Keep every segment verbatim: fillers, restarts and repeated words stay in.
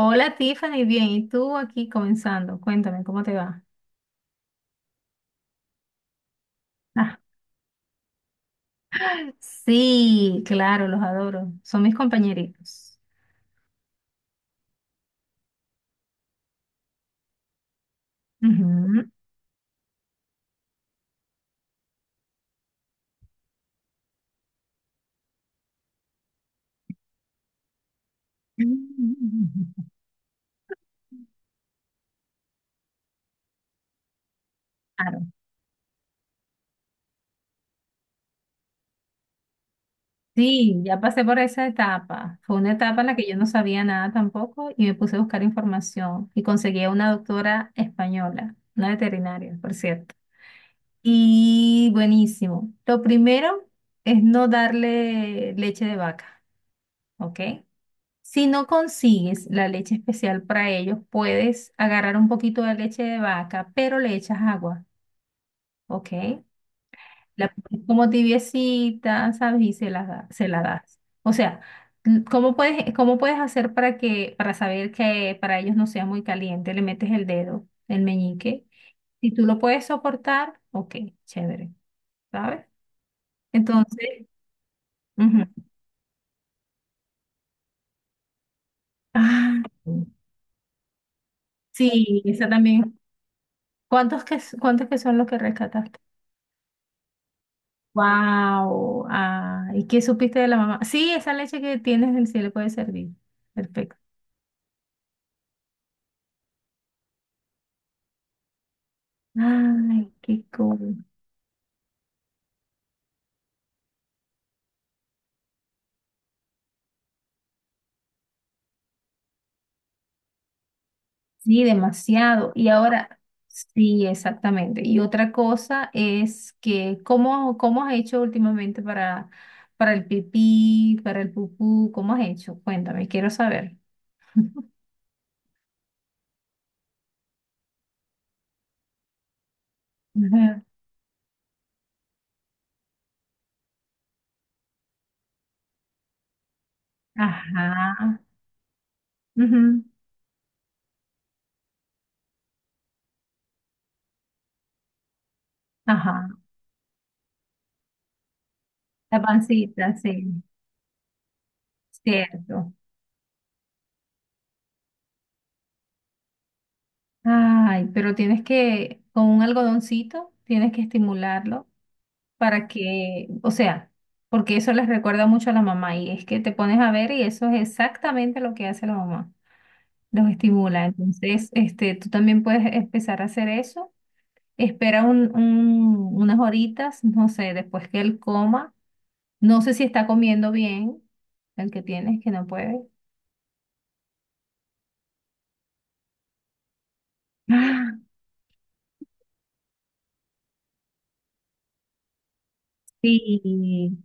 Hola Tiffany, bien, ¿y tú aquí comenzando? Cuéntame, ¿cómo te va? Ah, sí, claro, los adoro. Son mis compañeritos. Ujú. Claro. Sí, ya pasé por esa etapa. Fue una etapa en la que yo no sabía nada tampoco y me puse a buscar información y conseguí a una doctora española, una veterinaria, por cierto. Y buenísimo. Lo primero es no darle leche de vaca, ¿ok? Si no consigues la leche especial para ellos, puedes agarrar un poquito de leche de vaca, pero le echas agua, ¿ok? La pones como tibiecita, ¿sabes? Y se la, da- se la das. O sea, l- ¿cómo puedes, cómo puedes hacer para que, para saber que para ellos no sea muy caliente? Le metes el dedo, el meñique. Si tú lo puedes soportar, ok, chévere, ¿sabes? Entonces, ujú. Ah, sí, esa también. ¿Cuántos que, cuántos que son los que rescataste? Wow. Ah, ¿y qué supiste de la mamá? Sí, esa leche que tienes del cielo puede servir. Perfecto. Ay, qué cool. Sí, demasiado. Y ahora, sí, exactamente. Y otra cosa es que, ¿cómo, cómo has hecho últimamente para, para el pipí, para el pupú? ¿Cómo has hecho? Cuéntame, quiero saber. Ujú. Ajá. Ujú. Ajá. La pancita, sí. Cierto. Ay, pero tienes que, con un algodoncito, tienes que estimularlo para que, o sea, porque eso les recuerda mucho a la mamá y es que te pones a ver y eso es exactamente lo que hace la mamá, los estimula. Entonces, este, tú también puedes empezar a hacer eso. Espera un, un- unas horitas, no sé, después que él coma. No sé si está comiendo bien, el que tienes, que no puede. Ah, sí.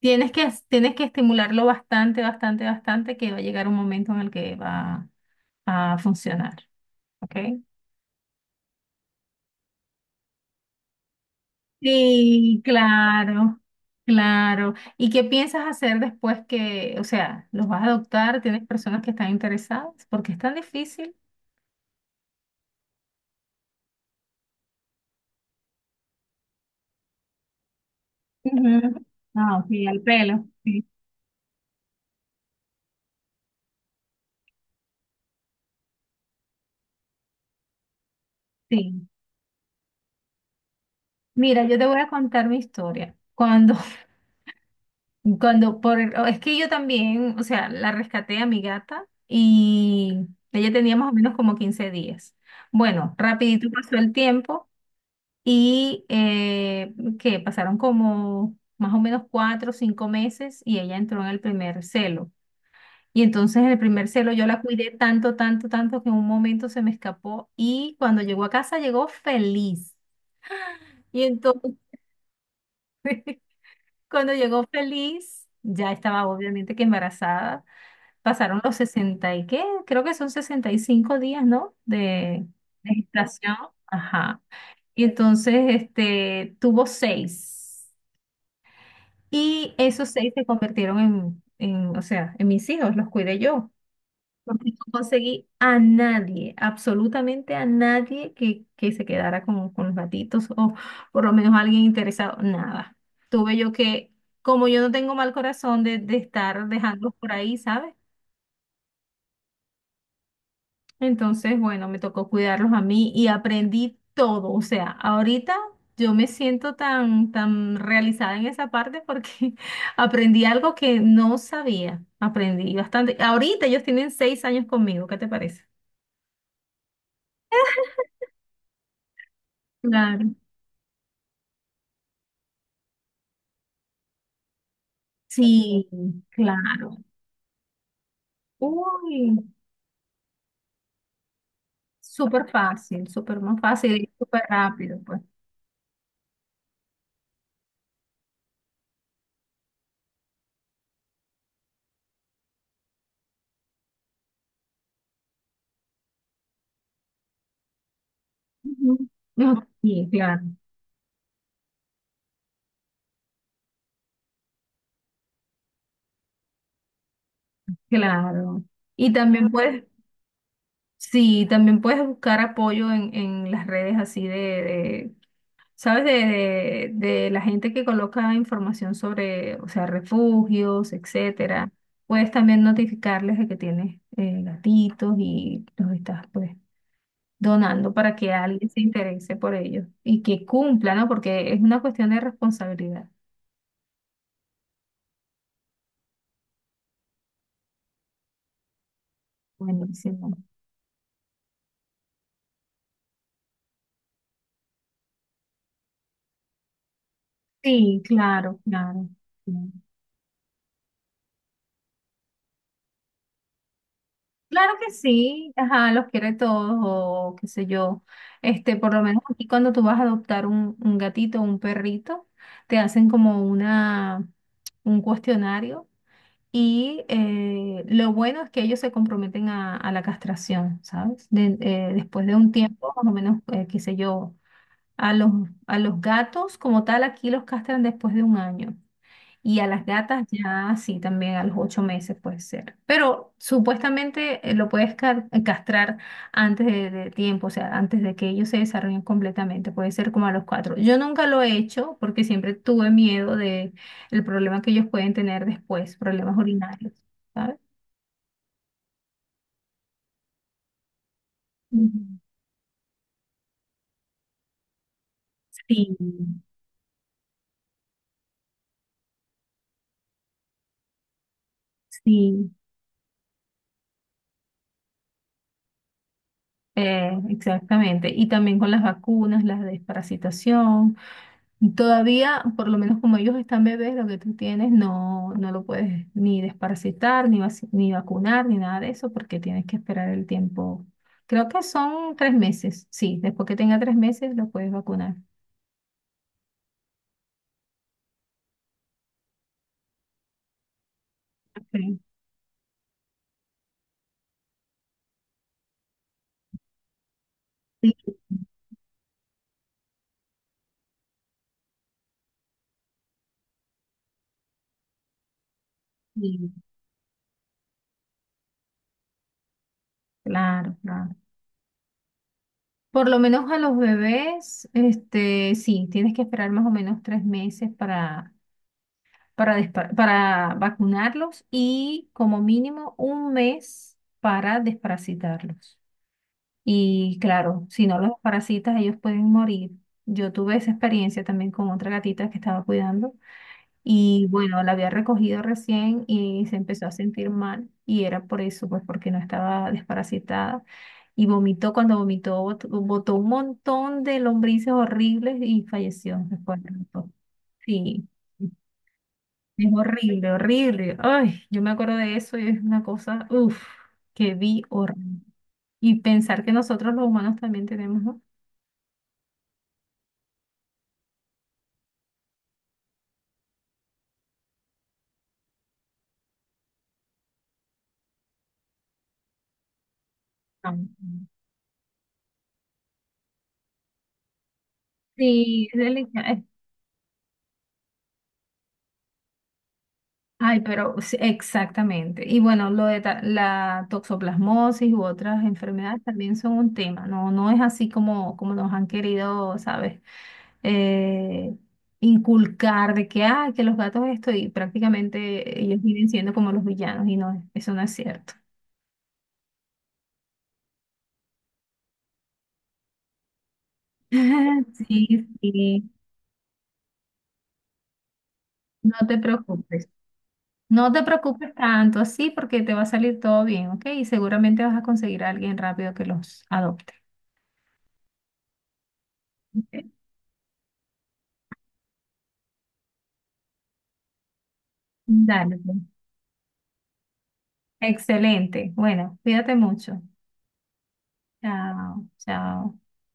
Tienes que, tienes que estimularlo bastante, bastante, bastante, que va a llegar un momento en el que va a funcionar, ¿ok? Sí, claro, claro. ¿Y qué piensas hacer después que, o sea, los vas a adoptar? ¿Tienes personas que están interesadas? Porque es tan difícil. Ujú. Ah, sí, al pelo. Sí, sí. Mira, yo te voy a contar mi historia. Cuando Y Cuando por el- es que yo también, o sea, la rescaté a mi gata y ella tenía más o menos como quince días. Bueno, rapidito pasó el tiempo y eh, que pasaron como más o menos cuatro o cinco meses y ella entró en el primer celo. Y entonces en el primer celo yo la cuidé tanto, tanto, tanto que en un momento se me escapó y cuando llegó a casa llegó feliz. Y entonces cuando llegó feliz, ya estaba obviamente que embarazada pasaron los sesenta y qué, creo que son sesenta y cinco días, ¿no? De de gestación. Ajá. Y entonces, este, tuvo seis. Y esos seis se convirtieron en, en, o sea, en mis hijos, los cuidé yo. Porque no conseguí a nadie, absolutamente a nadie que, que se quedara con, con los gatitos o por lo menos alguien interesado, nada. Tuve yo que, como yo no tengo mal corazón de, de estar dejándolos por ahí, ¿sabes? Entonces, bueno, me tocó cuidarlos a mí y aprendí todo. O sea, ahorita yo me siento tan, tan realizada en esa parte porque aprendí algo que no sabía. Aprendí bastante. Ahorita ellos tienen seis años conmigo, ¿qué te parece? Claro. Sí, claro. Uy, súper fácil, súper más fácil y súper rápido, pues. Ujú. No, sí, claro, claro. Y también puedes Sí, también puedes buscar apoyo en, en las redes así de, de, ¿sabes? De, de, de la gente que coloca información sobre, o sea, refugios, etcétera. Puedes también notificarles de que tienes eh, gatitos y los estás pues donando para que alguien se interese por ellos y que cumpla, ¿no? Porque es una cuestión de responsabilidad. Buenísimo. Sí, claro, claro. Claro. Claro que sí, ajá, los quiere todos o qué sé yo. Este, por lo menos aquí cuando tú vas a adoptar un, un gatito o un perrito, te hacen como una, un cuestionario y eh, lo bueno es que ellos se comprometen a, a la castración, ¿sabes? De- eh, después de un tiempo, más o menos, eh, qué sé yo, a los, a los gatos como tal aquí los castran después de un año. Y a las gatas ya sí, también a los ocho meses puede ser. Pero supuestamente eh, lo puedes ca- castrar antes de, de tiempo, o sea, antes de que ellos se desarrollen completamente. Puede ser como a los cuatro. Yo nunca lo he hecho porque siempre tuve miedo de el problema que ellos pueden tener después, problemas urinarios, ¿sabes? Ujú. Sí, sí, eh, exactamente. Y también con las vacunas, la desparasitación. Y todavía, por lo menos como ellos están bebés, lo que tú tienes no, no lo puedes ni desparasitar, ni, vaci- ni vacunar, ni nada de eso, porque tienes que esperar el tiempo. Creo que son tres meses. Sí, después que tenga tres meses lo puedes vacunar. Ok. Sí, sí, claro, claro. Por lo menos a los bebés, este, sí, tienes que esperar más o menos tres meses para, para, despa- para vacunarlos y como mínimo un mes para desparasitarlos. Y claro, si no los parasitas, ellos pueden morir. Yo tuve esa experiencia también con otra gatita que estaba cuidando y bueno, la había recogido recién y se empezó a sentir mal y era por eso, pues porque no estaba desparasitada y vomitó, cuando vomitó bot- botó un montón de lombrices horribles y falleció después de rato. Sí, es horrible, horrible. Ay, yo me acuerdo de eso y es una cosa, uff, que vi horrible. Y pensar que nosotros los humanos también tenemos, ¿no? Ujú. Sí, es delicado. Ay, pero sí, exactamente. Y bueno, lo de ta- la toxoplasmosis u otras enfermedades también son un tema. No, no es así como, como nos han querido, ¿sabes? Eh, Inculcar de que, ah, que los gatos esto y prácticamente ellos vienen siendo como los villanos y no, eso no es cierto. Sí, sí, no te preocupes. No te preocupes tanto, sí, porque te va a salir todo bien, ¿ok? Y seguramente vas a conseguir a alguien rápido que los adopte. Ok. Dale, pues. Excelente. Bueno, cuídate mucho. Chao, chao.